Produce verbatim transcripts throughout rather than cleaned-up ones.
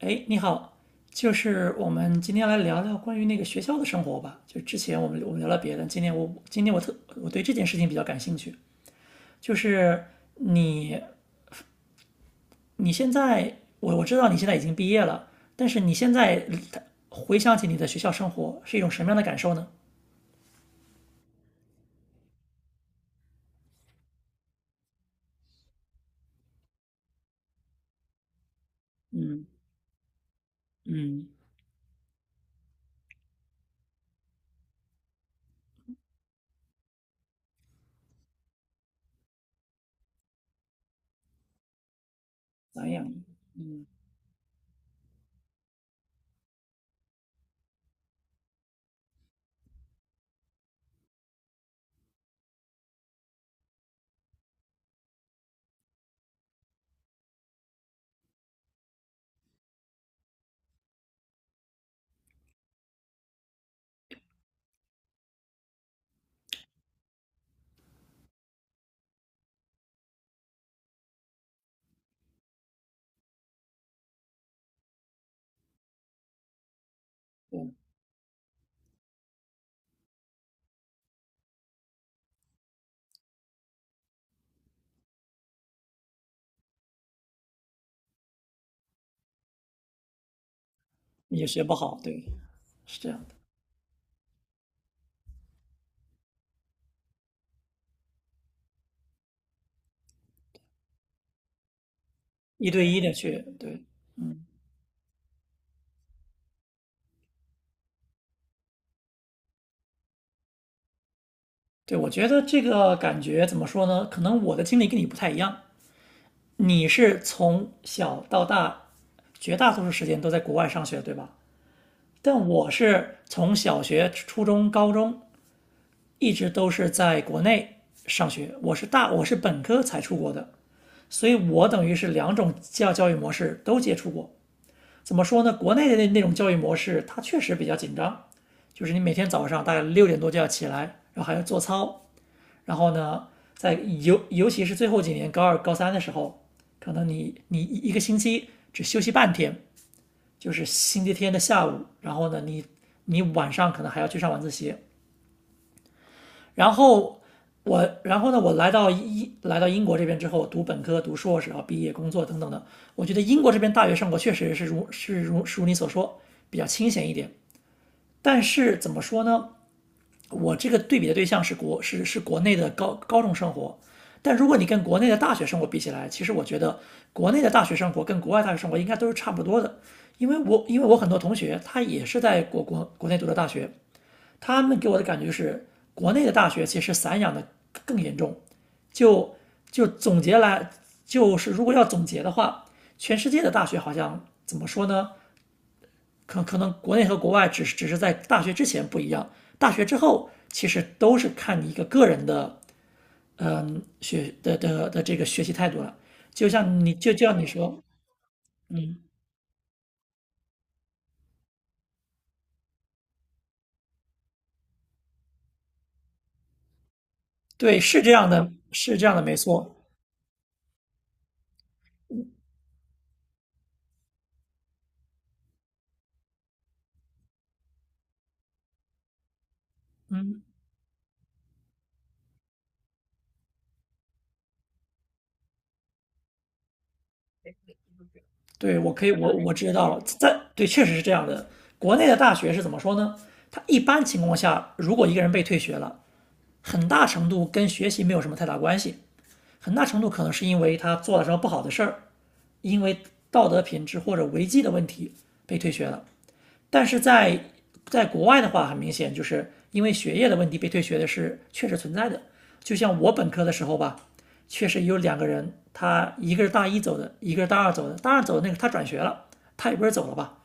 哎，你好，就是我们今天来聊聊关于那个学校的生活吧。就之前我们我们聊了别的，今天我今天我特我对这件事情比较感兴趣。就是你你现在，我我知道你现在已经毕业了，但是你现在回想起你的学校生活是一种什么样的感受呢？咋样？你也学不好，对，是这样的，一对一的去，对，嗯，对，我觉得这个感觉怎么说呢？可能我的经历跟你不太一样。你是从小到大，绝大多数时间都在国外上学，对吧？但我是从小学、初中、高中一直都是在国内上学，我是大我是本科才出国的，所以我等于是两种教教育模式都接触过。怎么说呢？国内的那那种教育模式，它确实比较紧张，就是你每天早上大概六点多就要起来，然后还要做操，然后呢，在尤尤其是最后几年高二、高三的时候，可能你你一个星期只休息半天，就是星期天的下午，然后呢，你你晚上可能还要去上晚自习，然后。我，然后呢，我来到英来到英国这边之后，读本科、读硕士，然后毕业、工作等等的。我觉得英国这边大学生活确实是如是如是如你所说，比较清闲一点。但是怎么说呢？我这个对比的对象是国是是国内的高高中生活，但如果你跟国内的大学生活比起来，其实我觉得国内的大学生活跟国外大学生活应该都是差不多的，因为我因为我很多同学他也是在国国国内读的大学，他们给我的感觉是国内的大学其实散养的更严重，就就总结来就是如果要总结的话，全世界的大学好像怎么说呢？可可能国内和国外只是只是在大学之前不一样，大学之后其实都是看你一个个人的态度了。就像你就就像你说，对，是这样的，是这样的，没错。嗯，对，我可以，我我知道了，在对，确实是这样的。国内的大学是怎么说呢？他一般情况下，如果一个人被退学了，很大程度跟学习没有什么太大关系，很大程度可能是因为他做了什么不好的事儿，因为道德品质或者违纪的问题被退学了。但是在在国外的话，很明显就是因为学业的问题被退学的是确实存在的。就像我本科的时候吧，确实有两个人，他一个是大一走的，一个是大二走的。大二走的那个他转学了，他也不是走了吧，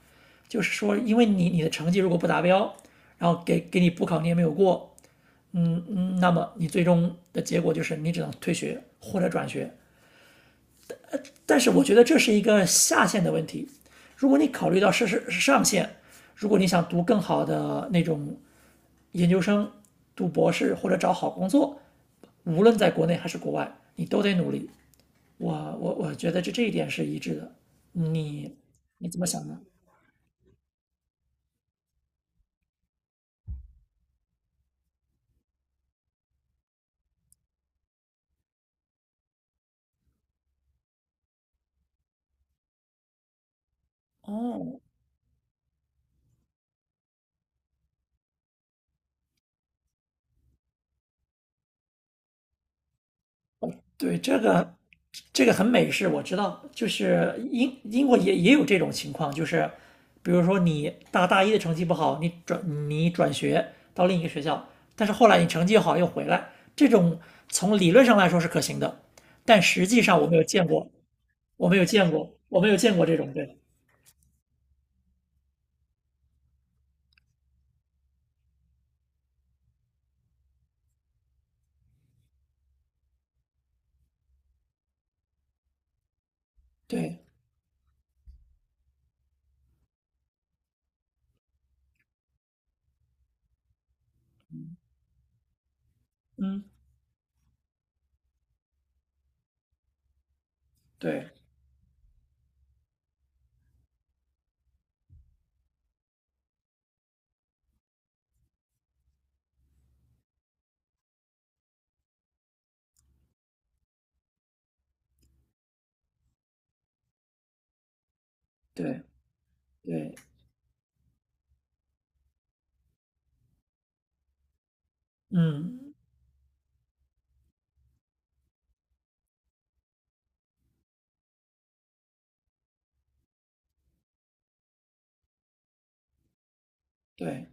就是说因为你你的成绩如果不达标，然后给给你补考你也没有过，嗯嗯，那么你最终的结果就是你只能退学或者转学。但是我觉得这是一个下限的问题。如果你考虑到是是上限，如果你想读更好的那种研究生、读博士或者找好工作，无论在国内还是国外，你都得努力。我我我觉得这这一点是一致的。你你怎么想呢？哦，对，这个这个很美式，我知道，就是英英国也也有这种情况，就是比如说你大大一的成绩不好，你转你转学到另一个学校，但是后来你成绩好又回来，这种从理论上来说是可行的，但实际上我没有见过，我没有见过，我没有见过这种，对对，嗯，对对对，嗯，对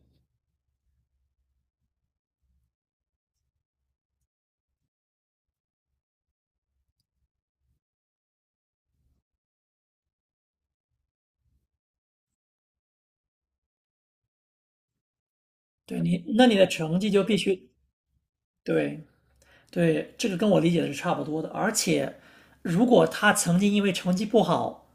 对，你那你的成绩就必须对对，这个跟我理解的是差不多的。而且，如果他曾经因为成绩不好，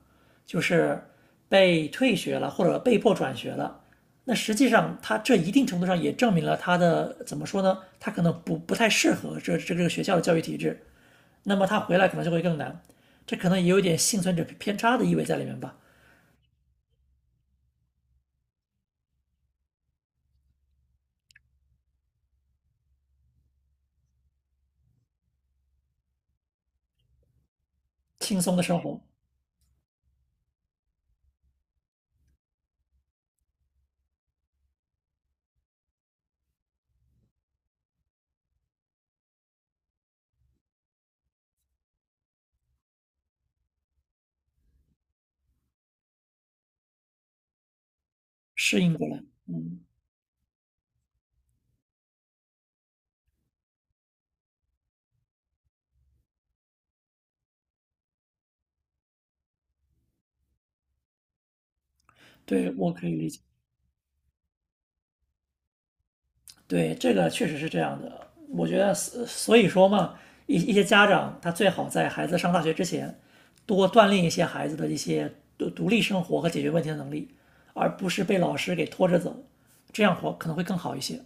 就是被退学了或者被迫转学了，那实际上他这一定程度上也证明了他的怎么说呢？他可能不不太适合这这这个学校的教育体制，那么他回来可能就会更难。这可能也有点幸存者偏差的意味在里面吧，轻松的生活适应过来。嗯，对，我可以理解。对，这个确实是这样的。我觉得，所所以说嘛，一一些家长他最好在孩子上大学之前，多锻炼一些孩子的一些独独立生活和解决问题的能力，而不是被老师给拖着走，这样活可能会更好一些。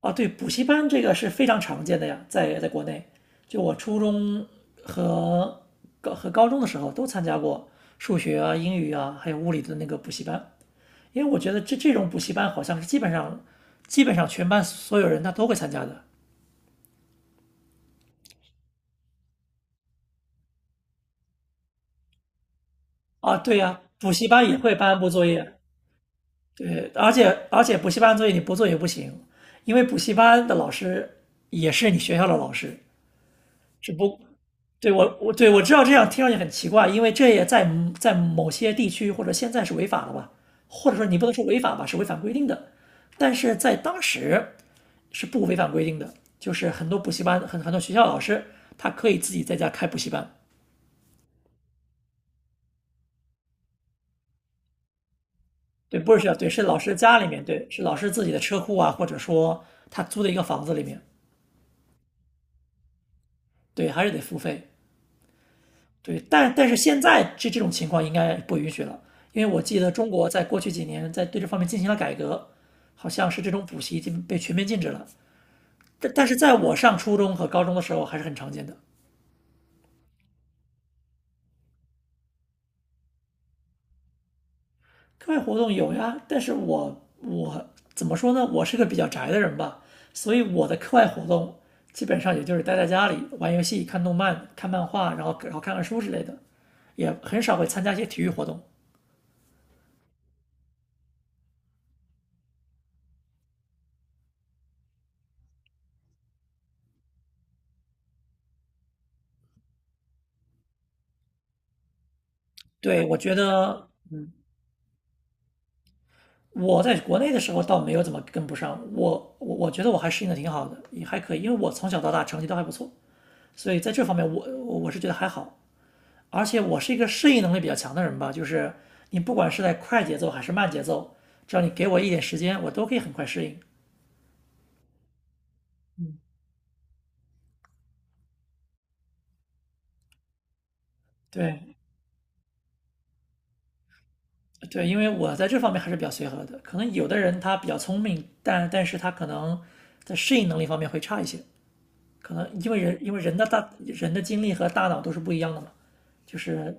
啊，对，补习班这个是非常常见的呀，在在国内，就我初中和高和高中的时候都参加过数学啊、英语啊，还有物理的那个补习班。因为我觉得这这种补习班好像是基本上基本上全班所有人他都会参加的啊。对呀、补习班也会颁布作业，对，而且而且补习班作业你不做也不行，因为补习班的老师也是你学校的老师，只不，对我我对我知道这样听上去很奇怪，因为这也在在某些地区或者现在是违法的吧，或者说你不能说违法吧，是违反规定的，但是在当时是不违反规定的，就是很多补习班很很多学校老师他可以自己在家开补习班，对，不是学校，对，是老师家里面，对，是老师自己的车库啊，或者说他租的一个房子里面，对，还是得付费。对，但但是现在这这种情况应该不允许了，因为我记得中国在过去几年在对这方面进行了改革，好像是这种补习已经被全面禁止了。但但是在我上初中和高中的时候还是很常见的。课外活动有呀，但是我我怎么说呢？我是个比较宅的人吧，所以我的课外活动基本上也就是待在家里玩游戏、看动漫、看漫画，然后然后看看书之类的，也很少会参加一些体育活动。对，我觉得我在国内的时候倒没有怎么跟不上，我我我觉得我还适应的挺好的，也还可以，因为我从小到大成绩都还不错，所以在这方面我我是觉得还好。而且我是一个适应能力比较强的人吧，就是你不管是在快节奏还是慢节奏，只要你给我一点时间，我都可以很快适应。对对，因为我在这方面还是比较随和的，可能有的人他比较聪明，但但是他可能在适应能力方面会差一些，可能因为人因为人的大人的精力和大脑都是不一样的嘛，就是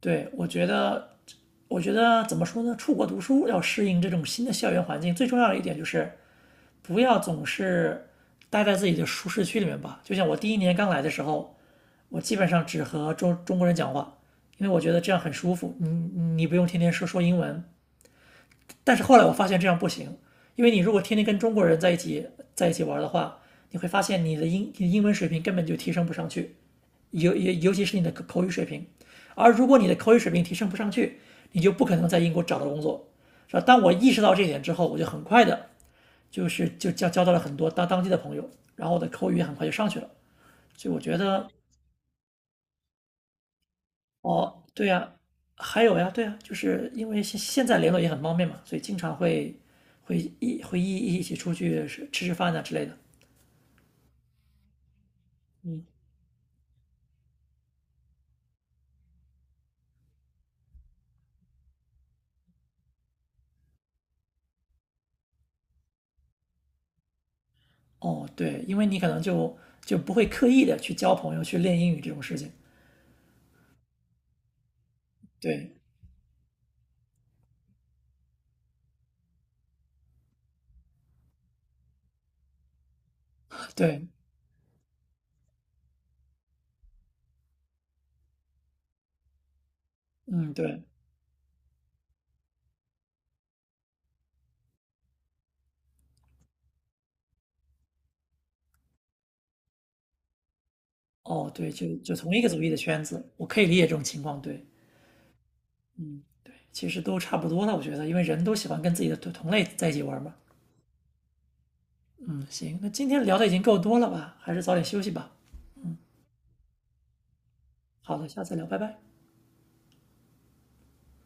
对，我觉得，我觉得怎么说呢？出国读书要适应这种新的校园环境，最重要的一点就是不要总是待在自己的舒适区里面吧。就像我第一年刚来的时候，我基本上只和中中国人讲话，因为我觉得这样很舒服。你你不用天天说说英文，但是后来我发现这样不行，因为你如果天天跟中国人在一起在一起玩的话，你会发现你的英你的英文水平根本就提升不上去，尤尤尤其是你的口口语水平。而如果你的口语水平提升不上去，你就不可能在英国找到工作，是吧？当我意识到这一点之后，我就很快的，就是就交交到了很多当当地的朋友，然后我的口语很快就上去了。所以我觉得哦，对呀，还有呀，对呀，就是因为现现在联络也很方便嘛，所以经常会会一会一一起出去吃吃吃饭啊之类的。哦，对，因为你可能就就不会刻意的去交朋友、去练英语这种事情。对，对，嗯，对，哦，对，就就同一个族裔的圈子，我可以理解这种情况。对，嗯，对，其实都差不多了，我觉得，因为人都喜欢跟自己的同同类在一起玩嘛。嗯，行，那今天聊的已经够多了吧？还是早点休息吧。好的，下次聊，拜拜。